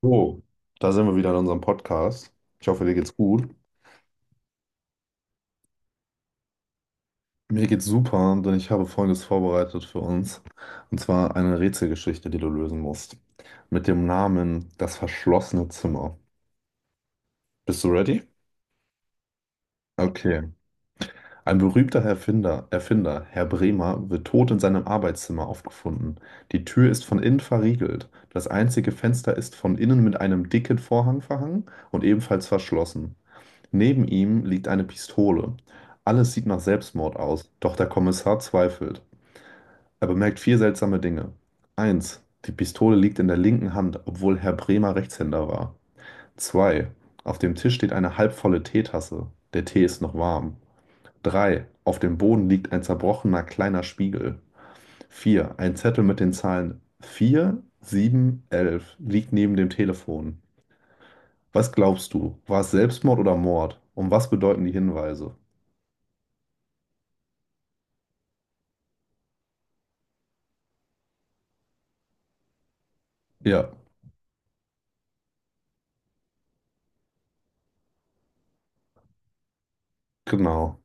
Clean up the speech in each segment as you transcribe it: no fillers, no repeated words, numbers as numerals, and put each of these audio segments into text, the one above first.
So, da sind wir wieder in unserem Podcast. Ich hoffe, dir geht's gut. Mir geht's super, denn ich habe Folgendes vorbereitet für uns. Und zwar eine Rätselgeschichte, die du lösen musst. Mit dem Namen Das verschlossene Zimmer. Bist du ready? Okay. Ein berühmter Erfinder, Herr Bremer, wird tot in seinem Arbeitszimmer aufgefunden. Die Tür ist von innen verriegelt. Das einzige Fenster ist von innen mit einem dicken Vorhang verhangen und ebenfalls verschlossen. Neben ihm liegt eine Pistole. Alles sieht nach Selbstmord aus, doch der Kommissar zweifelt. Er bemerkt vier seltsame Dinge. Eins, die Pistole liegt in der linken Hand, obwohl Herr Bremer Rechtshänder war. 2, auf dem Tisch steht eine halbvolle Teetasse. Der Tee ist noch warm. 3, auf dem Boden liegt ein zerbrochener kleiner Spiegel. 4, ein Zettel mit den Zahlen 4, 7, 11 liegt neben dem Telefon. Was glaubst du? War es Selbstmord oder Mord? Und was bedeuten die Hinweise? Ja. Genau,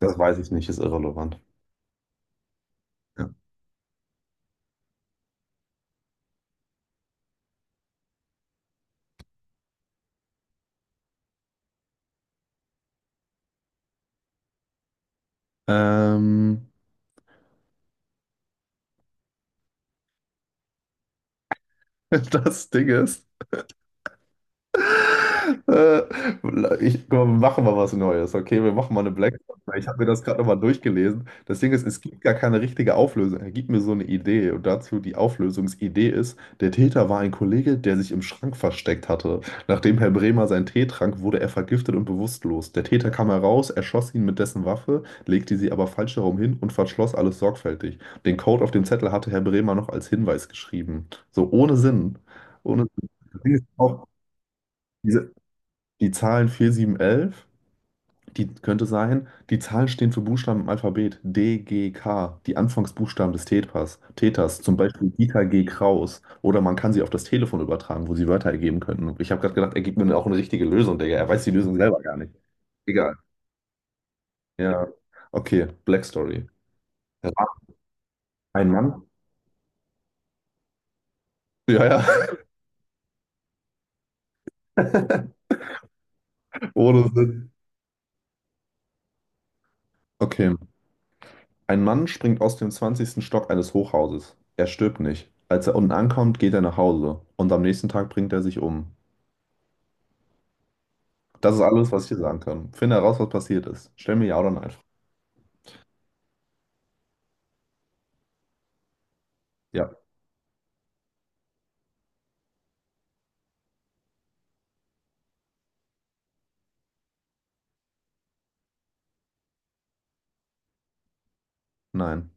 das weiß ich nicht, ist irrelevant. Ja. Ähm, das Ding ist. Äh, Ich, guck mal, wir machen mal was Neues, okay? Wir machen mal eine Black Box, weil ich habe mir das gerade nochmal durchgelesen. Das Ding ist, es gibt gar keine richtige Auflösung. Er gibt mir so eine Idee, und dazu die Auflösungsidee ist, der Täter war ein Kollege, der sich im Schrank versteckt hatte. Nachdem Herr Bremer seinen Tee trank, wurde er vergiftet und bewusstlos. Der Täter kam heraus, erschoss ihn mit dessen Waffe, legte sie aber falsch herum hin und verschloss alles sorgfältig. Den Code auf dem Zettel hatte Herr Bremer noch als Hinweis geschrieben. So, ohne Sinn. Ohne Sinn. Das Ding ist auch, diese, die Zahlen 4 7 11, die könnte sein, die Zahlen stehen für Buchstaben im Alphabet. D, G, K, die Anfangsbuchstaben des Täters, zum Beispiel Dieter G. Kraus. Oder man kann sie auf das Telefon übertragen, wo sie Wörter ergeben könnten. Ich habe gerade gedacht, er gibt mir auch eine richtige Lösung, Digga. Er weiß die Lösung selber gar nicht. Egal. Ja. Okay, Black Story. Ein Mann? Ja, ja. Ohne Sinn. Okay. Ein Mann springt aus dem 20. Stock eines Hochhauses. Er stirbt nicht. Als er unten ankommt, geht er nach Hause. Und am nächsten Tag bringt er sich um. Das ist alles, was ich dir sagen kann. Finde heraus, was passiert ist. Stell mir ja oder nein. Ja, nein.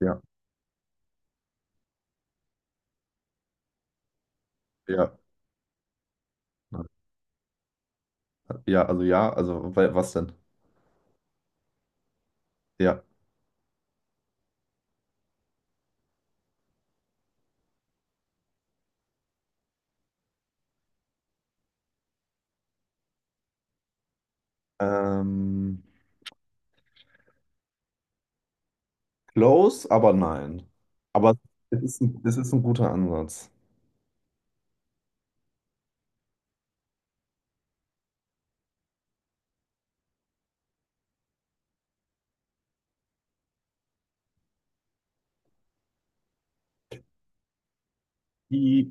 Ja, ja. Nein. Ja, also was denn? Ja. Ähm, Close, aber nein. Aber es ist ein guter Ansatz. I-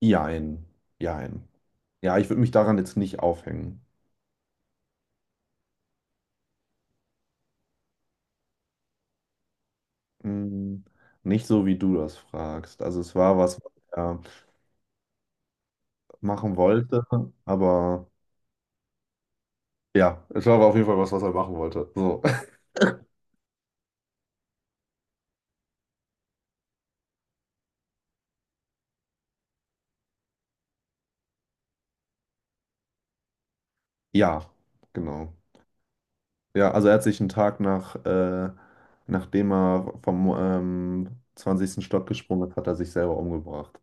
Jein. Jein. Ja, ich würde mich daran jetzt nicht aufhängen. Mm, Nicht so, wie du das fragst. Also es war was, was er machen wollte, aber ja, es war aber auf jeden Fall was, was er machen wollte. So. Ja, genau. Ja, also er hat sich einen Tag nachdem er vom 20. Stock gesprungen ist, hat er sich selber umgebracht.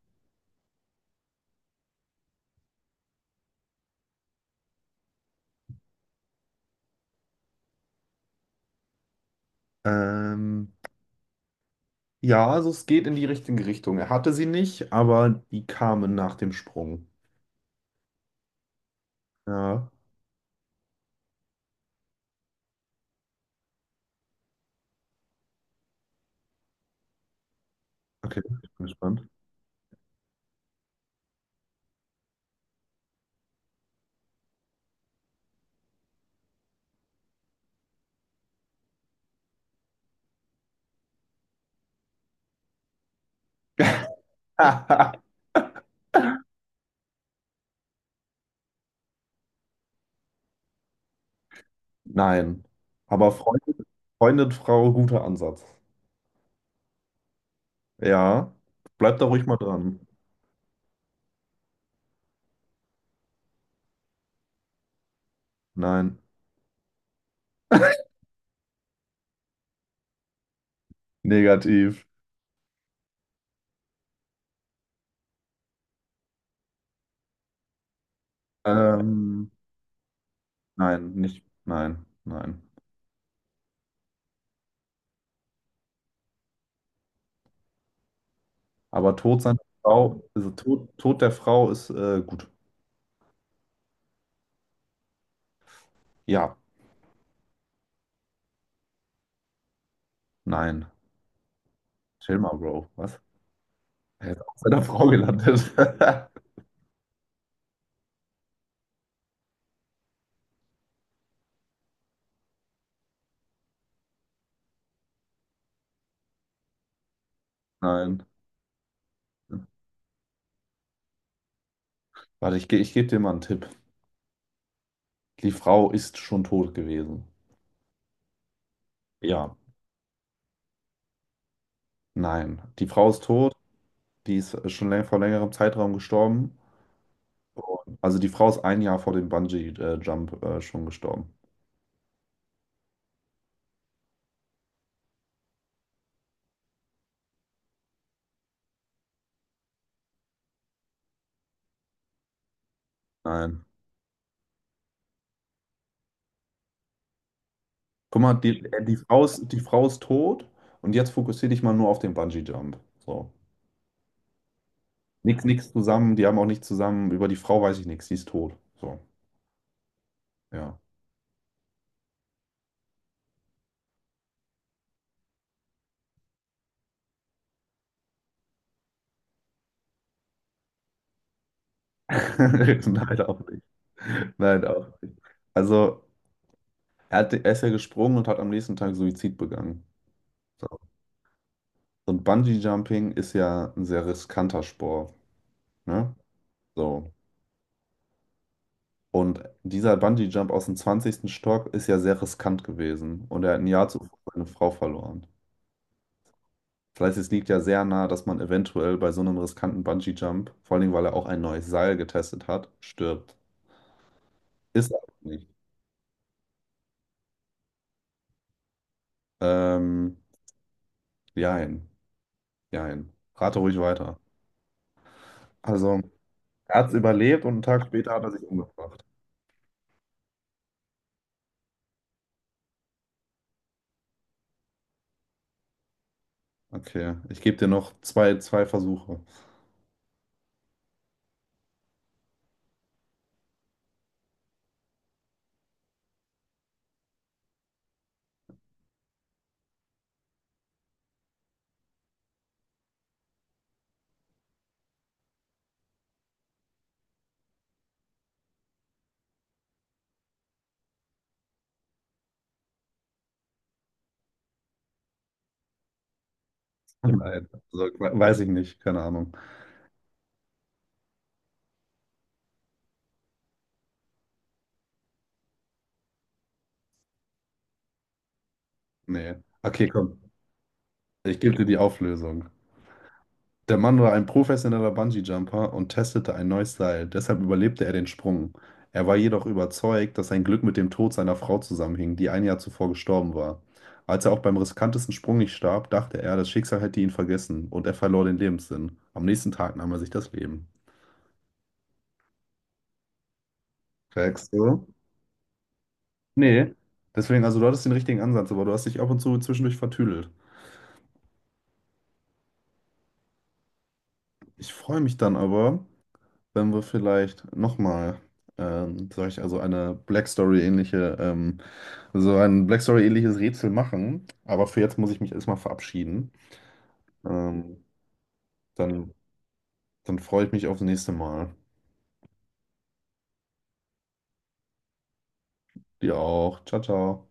Ähm, ja, also es geht in die richtige Richtung. Er hatte sie nicht, aber die kamen nach dem Sprung. Ja, okay, ich bin gespannt. Nein. Aber Freundin, Frau, guter Ansatz. Ja. Bleib da ruhig mal dran. Nein. Negativ. Ähm, nein, nicht. Nein, nein. Aber Tod seiner Frau, also Tod der Frau ist gut. Ja. Nein. Chill mal, Bro. Was? Er ist auf seiner Frau gelandet. Nein. Warte, ich gebe dir mal einen Tipp. Die Frau ist schon tot gewesen. Ja. Nein. Die Frau ist tot. Die ist schon läng vor längerem Zeitraum gestorben. Also die Frau ist ein Jahr vor dem Bungee-Jump schon gestorben. Nein. Guck mal, die Frau ist tot, und jetzt fokussiere dich mal nur auf den Bungee-Jump. So. Nix, nix zusammen, die haben auch nicht zusammen, über die Frau weiß ich nichts, die ist tot. So, ja. Nein, auch nicht. Nein, auch nicht. Also, er ist ja gesprungen und hat am nächsten Tag Suizid begangen. So. Und Bungee-Jumping ist ja ein sehr riskanter Sport, ne? So. Und dieser Bungee-Jump aus dem zwanzigsten Stock ist ja sehr riskant gewesen, und er hat ein Jahr zuvor seine Frau verloren. Das heißt, es liegt ja sehr nahe, dass man eventuell bei so einem riskanten Bungee-Jump, vor allem weil er auch ein neues Seil getestet hat, stirbt. Ist er aber nicht. Ähm, Jein, jein. Rate ruhig weiter. Also, er hat es überlebt und einen Tag später hat er sich umgebracht. Okay, ich gebe dir noch zwei Versuche. Nein, also, weiß ich nicht, keine Ahnung. Nee. Okay, komm, ich gebe dir die Auflösung. Der Mann war ein professioneller Bungee-Jumper und testete ein neues Seil, deshalb überlebte er den Sprung. Er war jedoch überzeugt, dass sein Glück mit dem Tod seiner Frau zusammenhing, die ein Jahr zuvor gestorben war. Als er auch beim riskantesten Sprung nicht starb, dachte er, das Schicksal hätte ihn vergessen und er verlor den Lebenssinn. Am nächsten Tag nahm er sich das Leben. Checkst du? Nee. Deswegen, also du hattest den richtigen Ansatz, aber du hast dich ab und zu zwischendurch vertüdelt. Ich freue mich dann aber, wenn wir vielleicht nochmal, sag ich, also so ein Black Story-ähnliches Rätsel machen. Aber für jetzt muss ich mich erstmal verabschieden. Ähm, dann, dann freue ich mich aufs nächste Mal. Dir auch. Ciao, ciao.